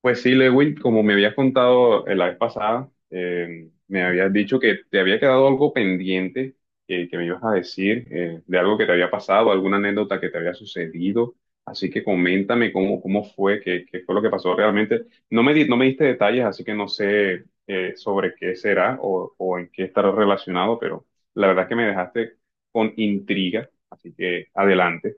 Pues sí, Lewin, como me habías contado la vez pasada, me habías dicho que te había quedado algo pendiente, que me ibas a decir de algo que te había pasado, alguna anécdota que te había sucedido. Así que coméntame cómo fue, qué fue lo que pasó realmente. No me diste detalles, así que no sé sobre qué será o en qué estará relacionado, pero la verdad es que me dejaste con intriga. Así que adelante.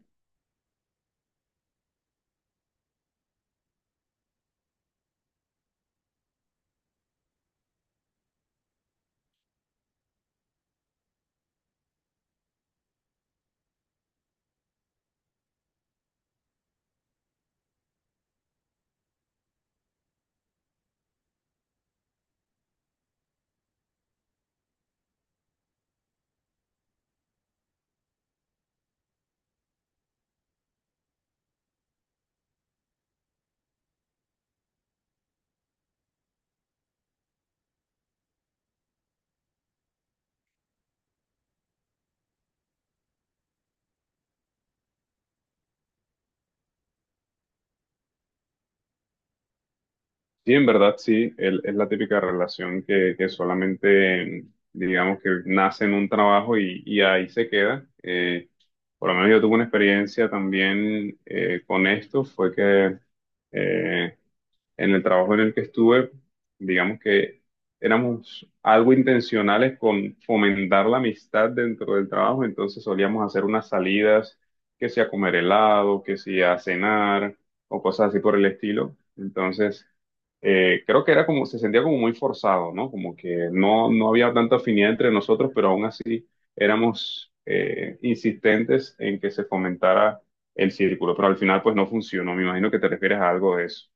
Sí, en verdad sí, es la típica relación que solamente, digamos que nace en un trabajo y ahí se queda. Por lo menos yo tuve una experiencia también, con esto. Fue que eh, en el trabajo en el que estuve, digamos que éramos algo intencionales con fomentar la amistad dentro del trabajo, entonces solíamos hacer unas salidas, que sea a comer helado, que sea a cenar o cosas así por el estilo. Entonces, creo que era como, se sentía como muy forzado, ¿no? Como que no había tanta afinidad entre nosotros, pero aún así éramos, insistentes en que se fomentara el círculo, pero al final pues no funcionó. Me imagino que te refieres a algo de eso.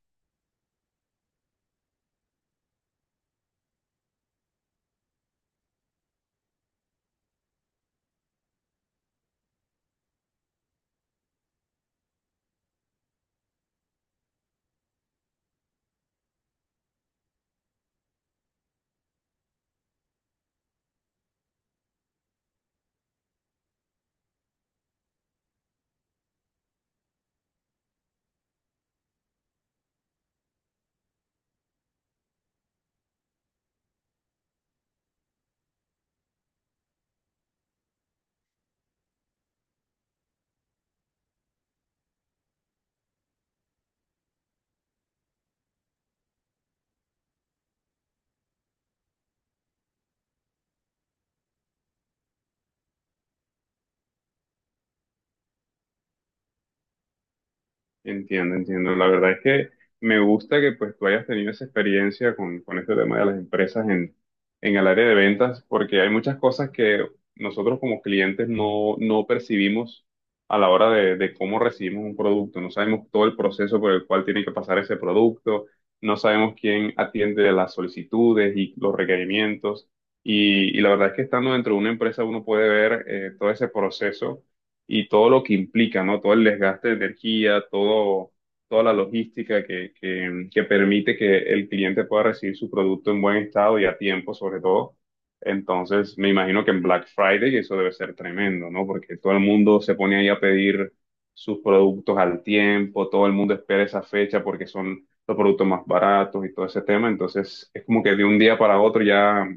Entiendo, entiendo. La verdad es que me gusta que pues tú hayas tenido esa experiencia con este tema de las empresas en el área de ventas, porque hay muchas cosas que nosotros como clientes no percibimos a la hora de cómo recibimos un producto. No sabemos todo el proceso por el cual tiene que pasar ese producto, no sabemos quién atiende las solicitudes y los requerimientos. Y la verdad es que estando dentro de una empresa uno puede ver, todo ese proceso y todo lo que implica, ¿no? Todo el desgaste de energía, toda la logística que permite que el cliente pueda recibir su producto en buen estado y a tiempo, sobre todo. Entonces, me imagino que en Black Friday eso debe ser tremendo, ¿no? Porque todo el mundo se pone ahí a pedir sus productos al tiempo, todo el mundo espera esa fecha porque son los productos más baratos y todo ese tema. Entonces, es como que de un día para otro ya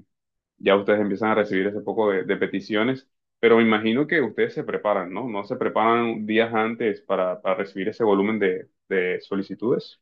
ya ustedes empiezan a recibir ese poco de peticiones, pero me imagino que ustedes se preparan, ¿no? ¿No se preparan días antes para recibir ese volumen de solicitudes?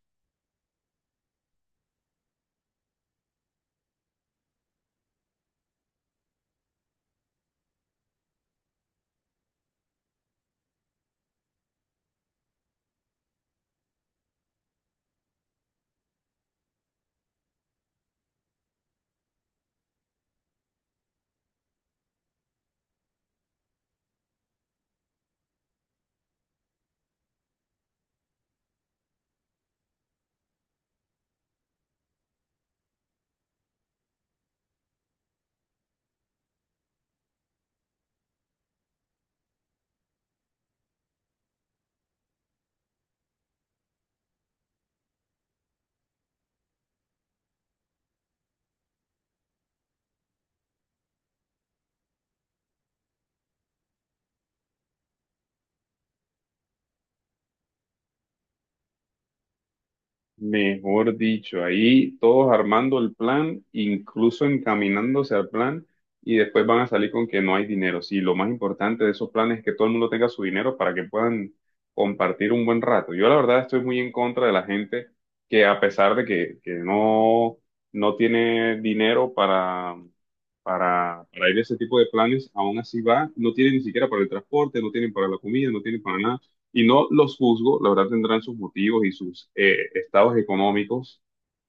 Mejor dicho, ahí todos armando el plan, incluso encaminándose al plan, y después van a salir con que no hay dinero. Sí, lo más importante de esos planes es que todo el mundo tenga su dinero para que puedan compartir un buen rato. Yo la verdad estoy muy en contra de la gente que a pesar de que no, no tiene dinero para ir a ese tipo de planes, aún así va, no tiene ni siquiera para el transporte, no tienen para la comida, no tienen para nada y no los juzgo, la verdad tendrán sus motivos y sus, estados económicos,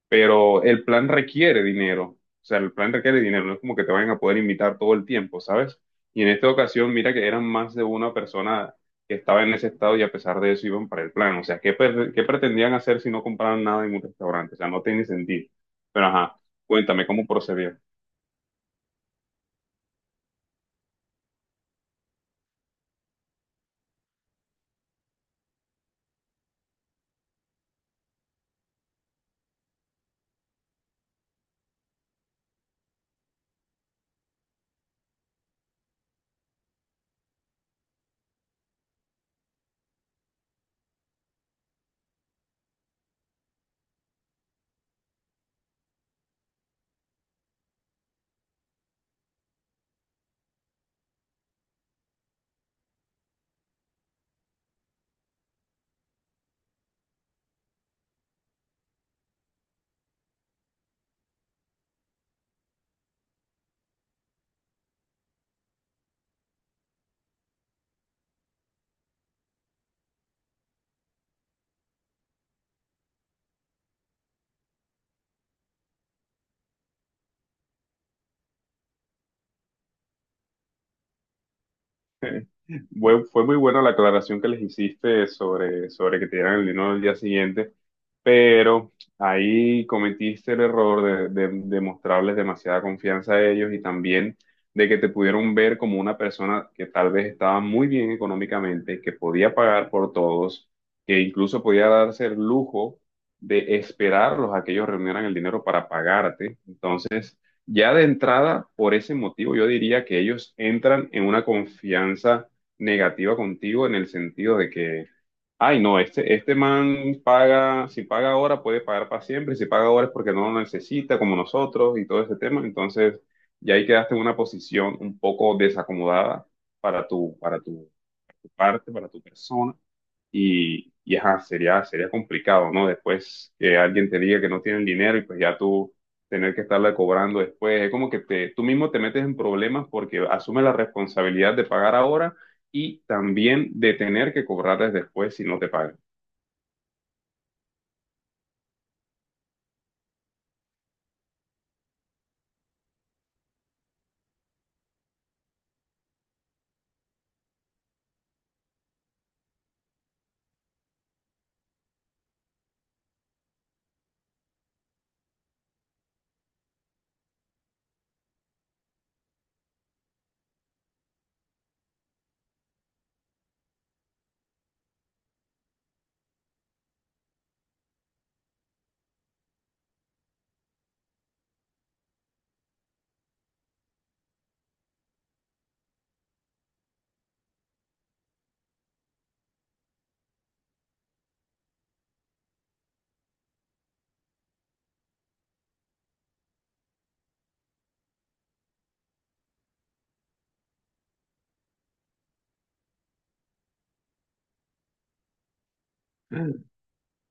pero el plan requiere dinero, o sea, el plan requiere dinero, no es como que te vayan a poder invitar todo el tiempo, ¿sabes? Y en esta ocasión, mira que eran más de una persona que estaba en ese estado y a pesar de eso iban para el plan, o sea, ¿qué, qué pretendían hacer si no compraban nada en un restaurante? O sea, no tiene sentido, pero ajá, cuéntame cómo procedió. Fue muy buena la aclaración que les hiciste sobre que te dieran el dinero al día siguiente, pero ahí cometiste el error de mostrarles demasiada confianza a ellos y también de que te pudieron ver como una persona que tal vez estaba muy bien económicamente, que podía pagar por todos, que incluso podía darse el lujo de esperarlos a que ellos reunieran el dinero para pagarte. Ya de entrada, por ese motivo, yo diría que ellos entran en una confianza negativa contigo en el sentido de que, ay, no, este man paga. Si paga ahora puede pagar para siempre, si paga ahora es porque no lo necesita como nosotros y todo ese tema. Entonces, ya ahí quedaste en una posición un poco desacomodada para tu parte, para tu persona. Y ajá, sería complicado, ¿no? Después que alguien te diga que no tienen dinero y pues ya tú tener que estarle cobrando después, es como que tú mismo te metes en problemas porque asumes la responsabilidad de pagar ahora y también de tener que cobrarles después si no te pagan.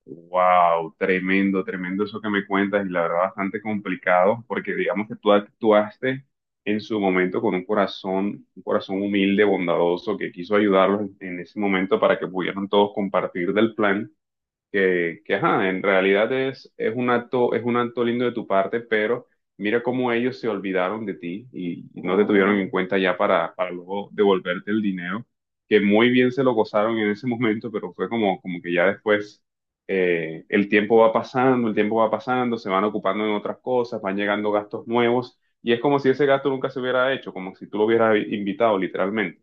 Wow, tremendo, tremendo eso que me cuentas y la verdad bastante complicado porque digamos que tú actuaste en su momento con un corazón humilde, bondadoso, que quiso ayudarlos en ese momento para que pudieran todos compartir del plan que, ajá, en realidad es, un acto, es un acto lindo de tu parte, pero mira cómo ellos se olvidaron de ti y no te tuvieron en cuenta ya para, luego devolverte el dinero, que muy bien se lo gozaron en ese momento, pero fue como que ya después, el tiempo va pasando, el tiempo va pasando, se van ocupando en otras cosas, van llegando gastos nuevos, y es como si ese gasto nunca se hubiera hecho, como si tú lo hubieras invitado literalmente.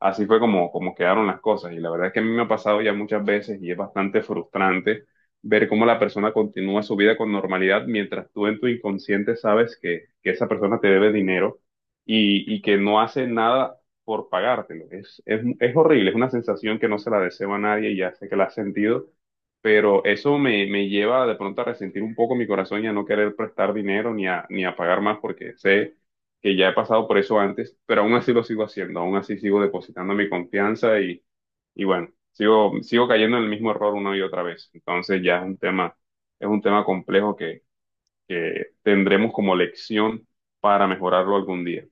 Así fue como quedaron las cosas. Y la verdad es que a mí me ha pasado ya muchas veces y es bastante frustrante ver cómo la persona continúa su vida con normalidad mientras tú en tu inconsciente sabes que esa persona te debe dinero y que no hace nada por pagártelo. Es horrible, es una sensación que no se la deseo a nadie y ya sé que la has sentido. Pero eso me lleva de pronto a resentir un poco mi corazón y a no querer prestar dinero ni a pagar más porque sé que ya he pasado por eso antes, pero aún así lo sigo haciendo, aún así sigo depositando mi confianza y bueno, sigo cayendo en el mismo error una y otra vez. Entonces ya es un tema complejo que tendremos como lección para mejorarlo algún día.